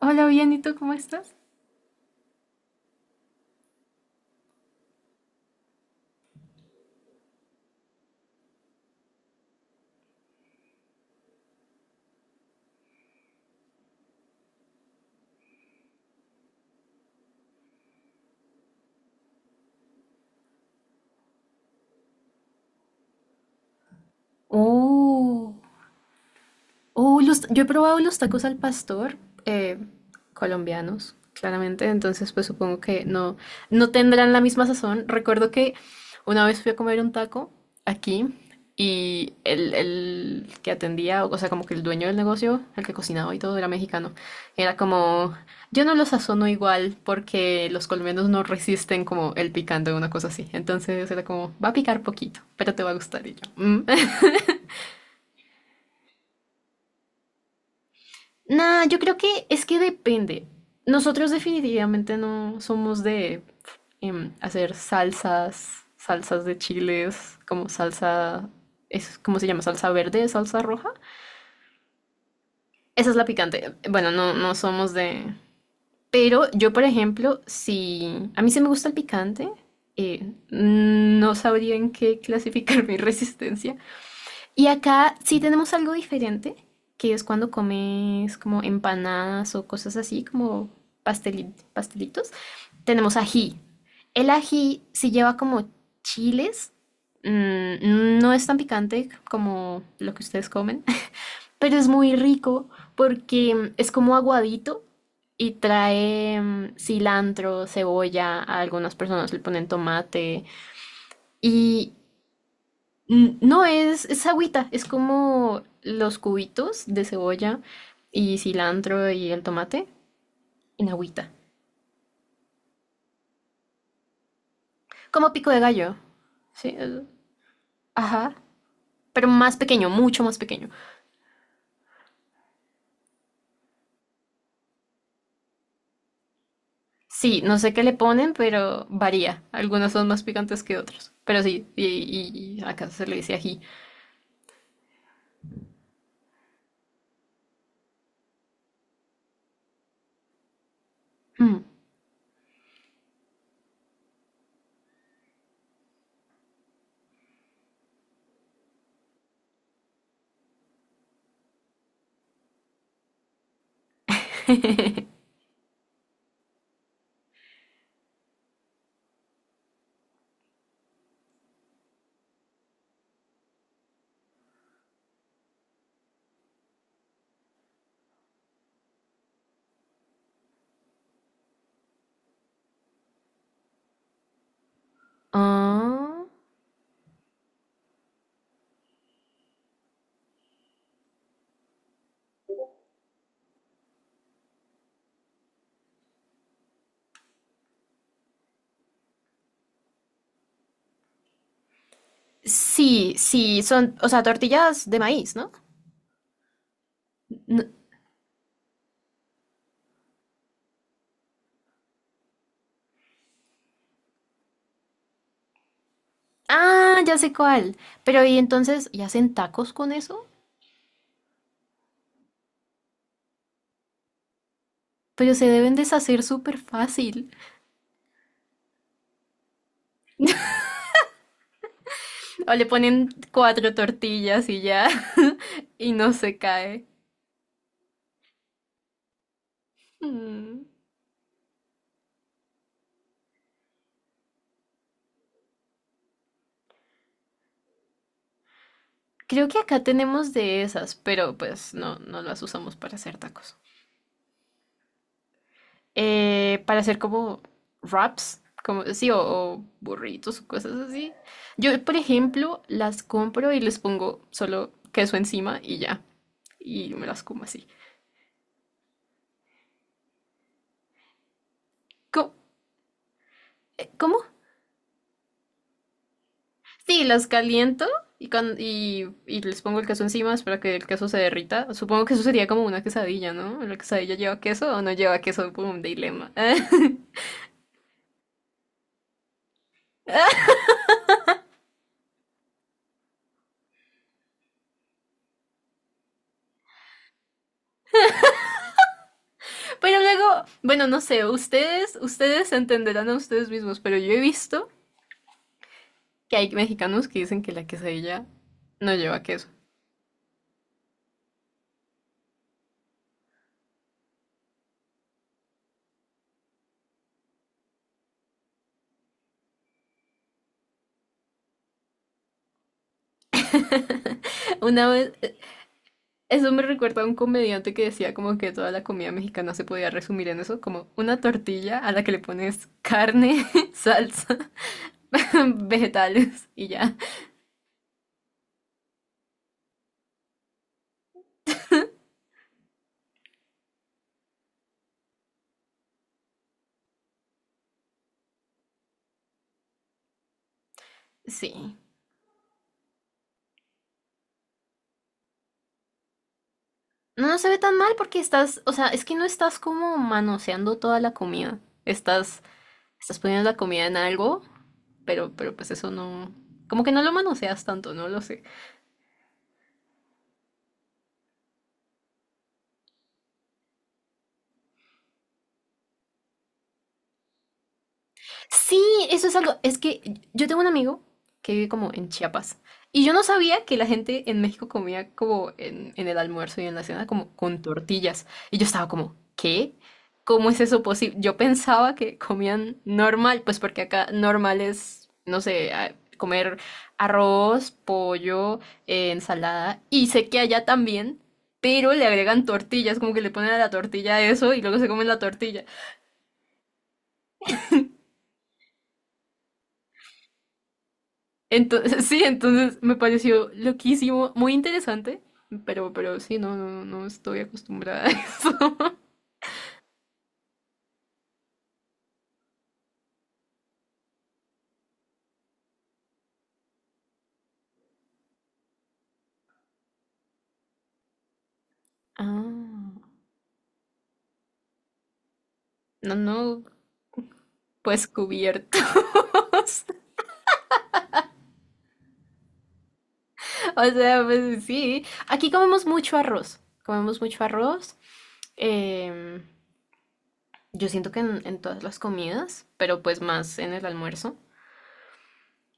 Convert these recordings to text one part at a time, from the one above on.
Hola, bien, ¿y tú cómo estás? Oh. Yo he probado los tacos al pastor, eh, colombianos, claramente, entonces pues supongo que no, no tendrán la misma sazón. Recuerdo que una vez fui a comer un taco aquí y el que atendía, o sea, como que el dueño del negocio, el que cocinaba y todo, era mexicano. Era como, yo no lo sazono igual porque los colombianos no resisten como el picante o una cosa así. Entonces era como, va a picar poquito, pero te va a gustar. Y yo, "Mm". Nah, yo creo que es que depende. Nosotros definitivamente no somos de hacer salsas, salsas de chiles, como salsa, es, ¿cómo se llama? Salsa verde, salsa roja. Esa es la picante. Bueno, no, no somos de... Pero yo, por ejemplo, si a mí se me gusta el picante, no sabría en qué clasificar mi resistencia. Y acá sí tenemos algo diferente, que es cuando comes como empanadas o cosas así, como pastelitos. Tenemos ají. El ají sí lleva como chiles. No es tan picante como lo que ustedes comen, pero es muy rico porque es como aguadito y trae cilantro, cebolla. A algunas personas le ponen tomate. Y no, es agüita, es como los cubitos de cebolla y cilantro y el tomate en agüita. Como pico de gallo, ¿sí? Ajá, pero más pequeño, mucho más pequeño. Sí, no sé qué le ponen, pero varía. Algunos son más picantes que otros. Pero sí, y acá se le dice ají. Mm. Ah, sí, sí, son, o sea, tortillas de maíz, ¿no? No- Ah, ya sé cuál. Pero y entonces, ¿y hacen tacos con eso? Pero se deben deshacer súper fácil. O le ponen cuatro tortillas y ya. Y no se cae. Mm. Creo que acá tenemos de esas, pero pues no, no las usamos para hacer tacos. Para hacer como wraps, como sí, o burritos o cosas así. Yo, por ejemplo, las compro y les pongo solo queso encima y ya. Y me las como así. ¿Cómo, cómo Sí, las caliento y les pongo el queso encima, espero que el queso se derrita. Supongo que eso sería como una quesadilla, ¿no? ¿La quesadilla lleva queso o no lleva queso? Por un dilema. Pero luego, bueno, no sé, ustedes entenderán a ustedes mismos, pero yo he visto que hay mexicanos que dicen que la quesadilla no lleva queso. Una vez, eso me recuerda a un comediante que decía como que toda la comida mexicana se podía resumir en eso, como una tortilla a la que le pones carne, salsa vegetales y ya. Sí. No, no se ve tan mal porque estás, o sea, es que no estás como manoseando toda la comida. Estás, estás poniendo la comida en algo, pero pues eso no, como que no lo manoseas tanto, no lo sé. Sí, eso es algo. Es que yo tengo un amigo que vive como en Chiapas. Y yo no sabía que la gente en México comía como en el almuerzo y en la cena como con tortillas. Y yo estaba como, ¿qué? ¿Cómo es eso posible? Yo pensaba que comían normal, pues porque acá normal es, no sé, comer arroz, pollo, ensalada. Y sé que allá también, pero le agregan tortillas, como que le ponen a la tortilla eso y luego se comen la tortilla. Entonces, sí, entonces me pareció loquísimo, muy interesante, pero sí, no, no, no estoy acostumbrada a eso. Ah. No, no, pues cubiertos. O sea, pues sí. Aquí comemos mucho arroz. Comemos mucho arroz. em, yo siento que en todas las comidas, pero pues más en el almuerzo.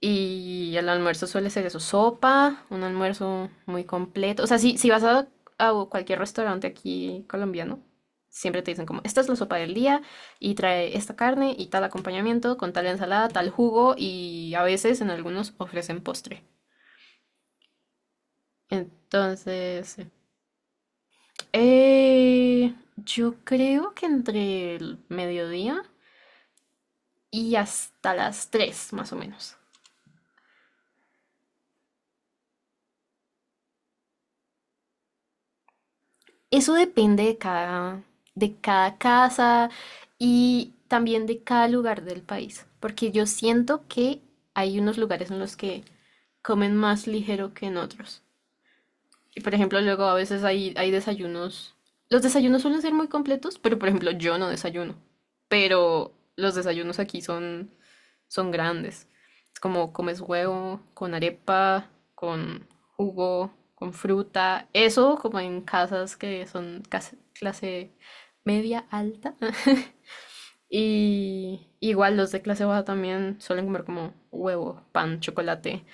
Y el almuerzo suele ser eso, sopa, un almuerzo muy completo. O sea, si vas a cualquier restaurante aquí colombiano, siempre te dicen como, esta es la sopa del día y trae esta carne y tal acompañamiento con tal ensalada, tal jugo y a veces en algunos ofrecen postre. Entonces, yo creo que entre el mediodía y hasta las 3 más o menos. Eso depende de cada, casa y también de cada lugar del país, porque yo siento que hay unos lugares en los que comen más ligero que en otros. Y por ejemplo, luego a veces hay desayunos. Los desayunos suelen ser muy completos, pero por ejemplo, yo no desayuno. Pero los desayunos aquí son grandes. Es como comes huevo con arepa, con jugo, con fruta. Eso como en casas que son clase media alta. Y igual los de clase baja también suelen comer como huevo, pan, chocolate.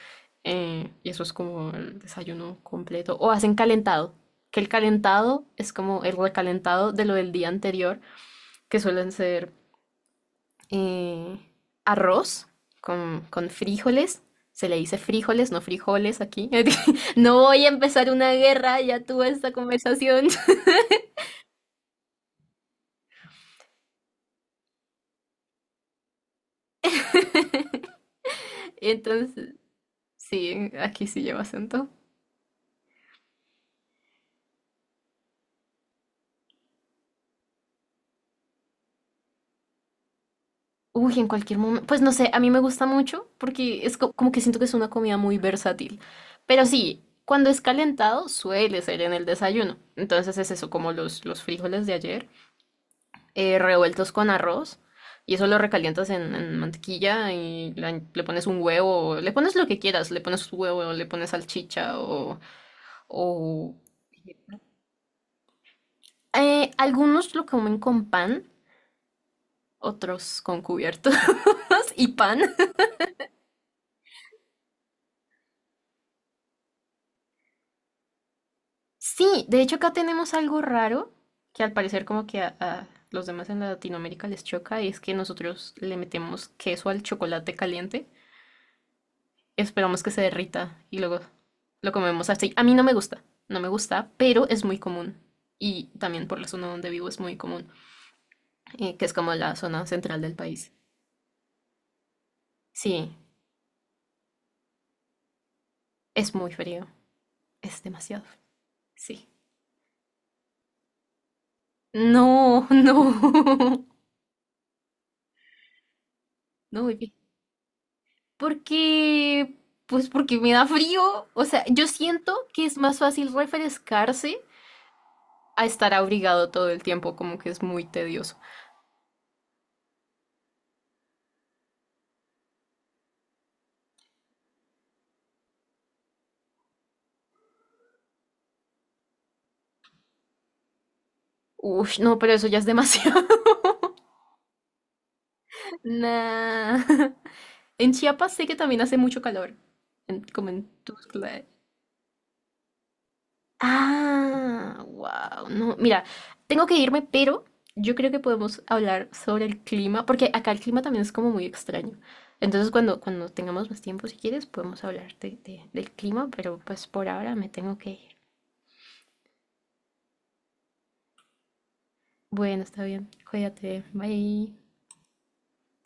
Y eso es como el desayuno completo. O hacen calentado. Que el calentado es como el recalentado de lo del día anterior, que suelen ser eh, arroz con frijoles. Se le dice frijoles, no frijoles aquí. No voy a empezar una guerra, ya tuve esta conversación. Entonces, sí, aquí sí lleva acento. Uy, en cualquier momento. Pues no sé, a mí me gusta mucho porque es como que siento que es una comida muy versátil. Pero sí, cuando es calentado suele ser en el desayuno. Entonces es eso, como los frijoles de ayer. Revueltos con arroz. Y eso lo recalientas en mantequilla y le pones un huevo, le pones lo que quieras, le pones huevo, le pones salchicha o... algunos lo comen con pan, otros con cubiertos y pan. Sí, de hecho acá tenemos algo raro que al parecer como que a los demás en Latinoamérica les choca y es que nosotros le metemos queso al chocolate caliente. Esperamos que se derrita y luego lo comemos así. A mí no me gusta, no me gusta, pero es muy común. Y también por la zona donde vivo es muy común, que es como la zona central del país. Sí, es muy frío, es demasiado frío. Sí. No, no, no, baby. Porque, pues porque me da frío. O sea, yo siento que es más fácil refrescarse a estar abrigado todo el tiempo, como que es muy tedioso. Uy, no, pero eso ya es demasiado. Nah. En Chiapas sé que también hace mucho calor, como en Tuxtla. Ah, wow. No, mira, tengo que irme, pero yo creo que podemos hablar sobre el clima, porque acá el clima también es como muy extraño. Entonces, cuando tengamos más tiempo, si quieres, podemos hablar del clima, pero pues por ahora me tengo que ir. Bueno, está bien. Cuídate. Bye.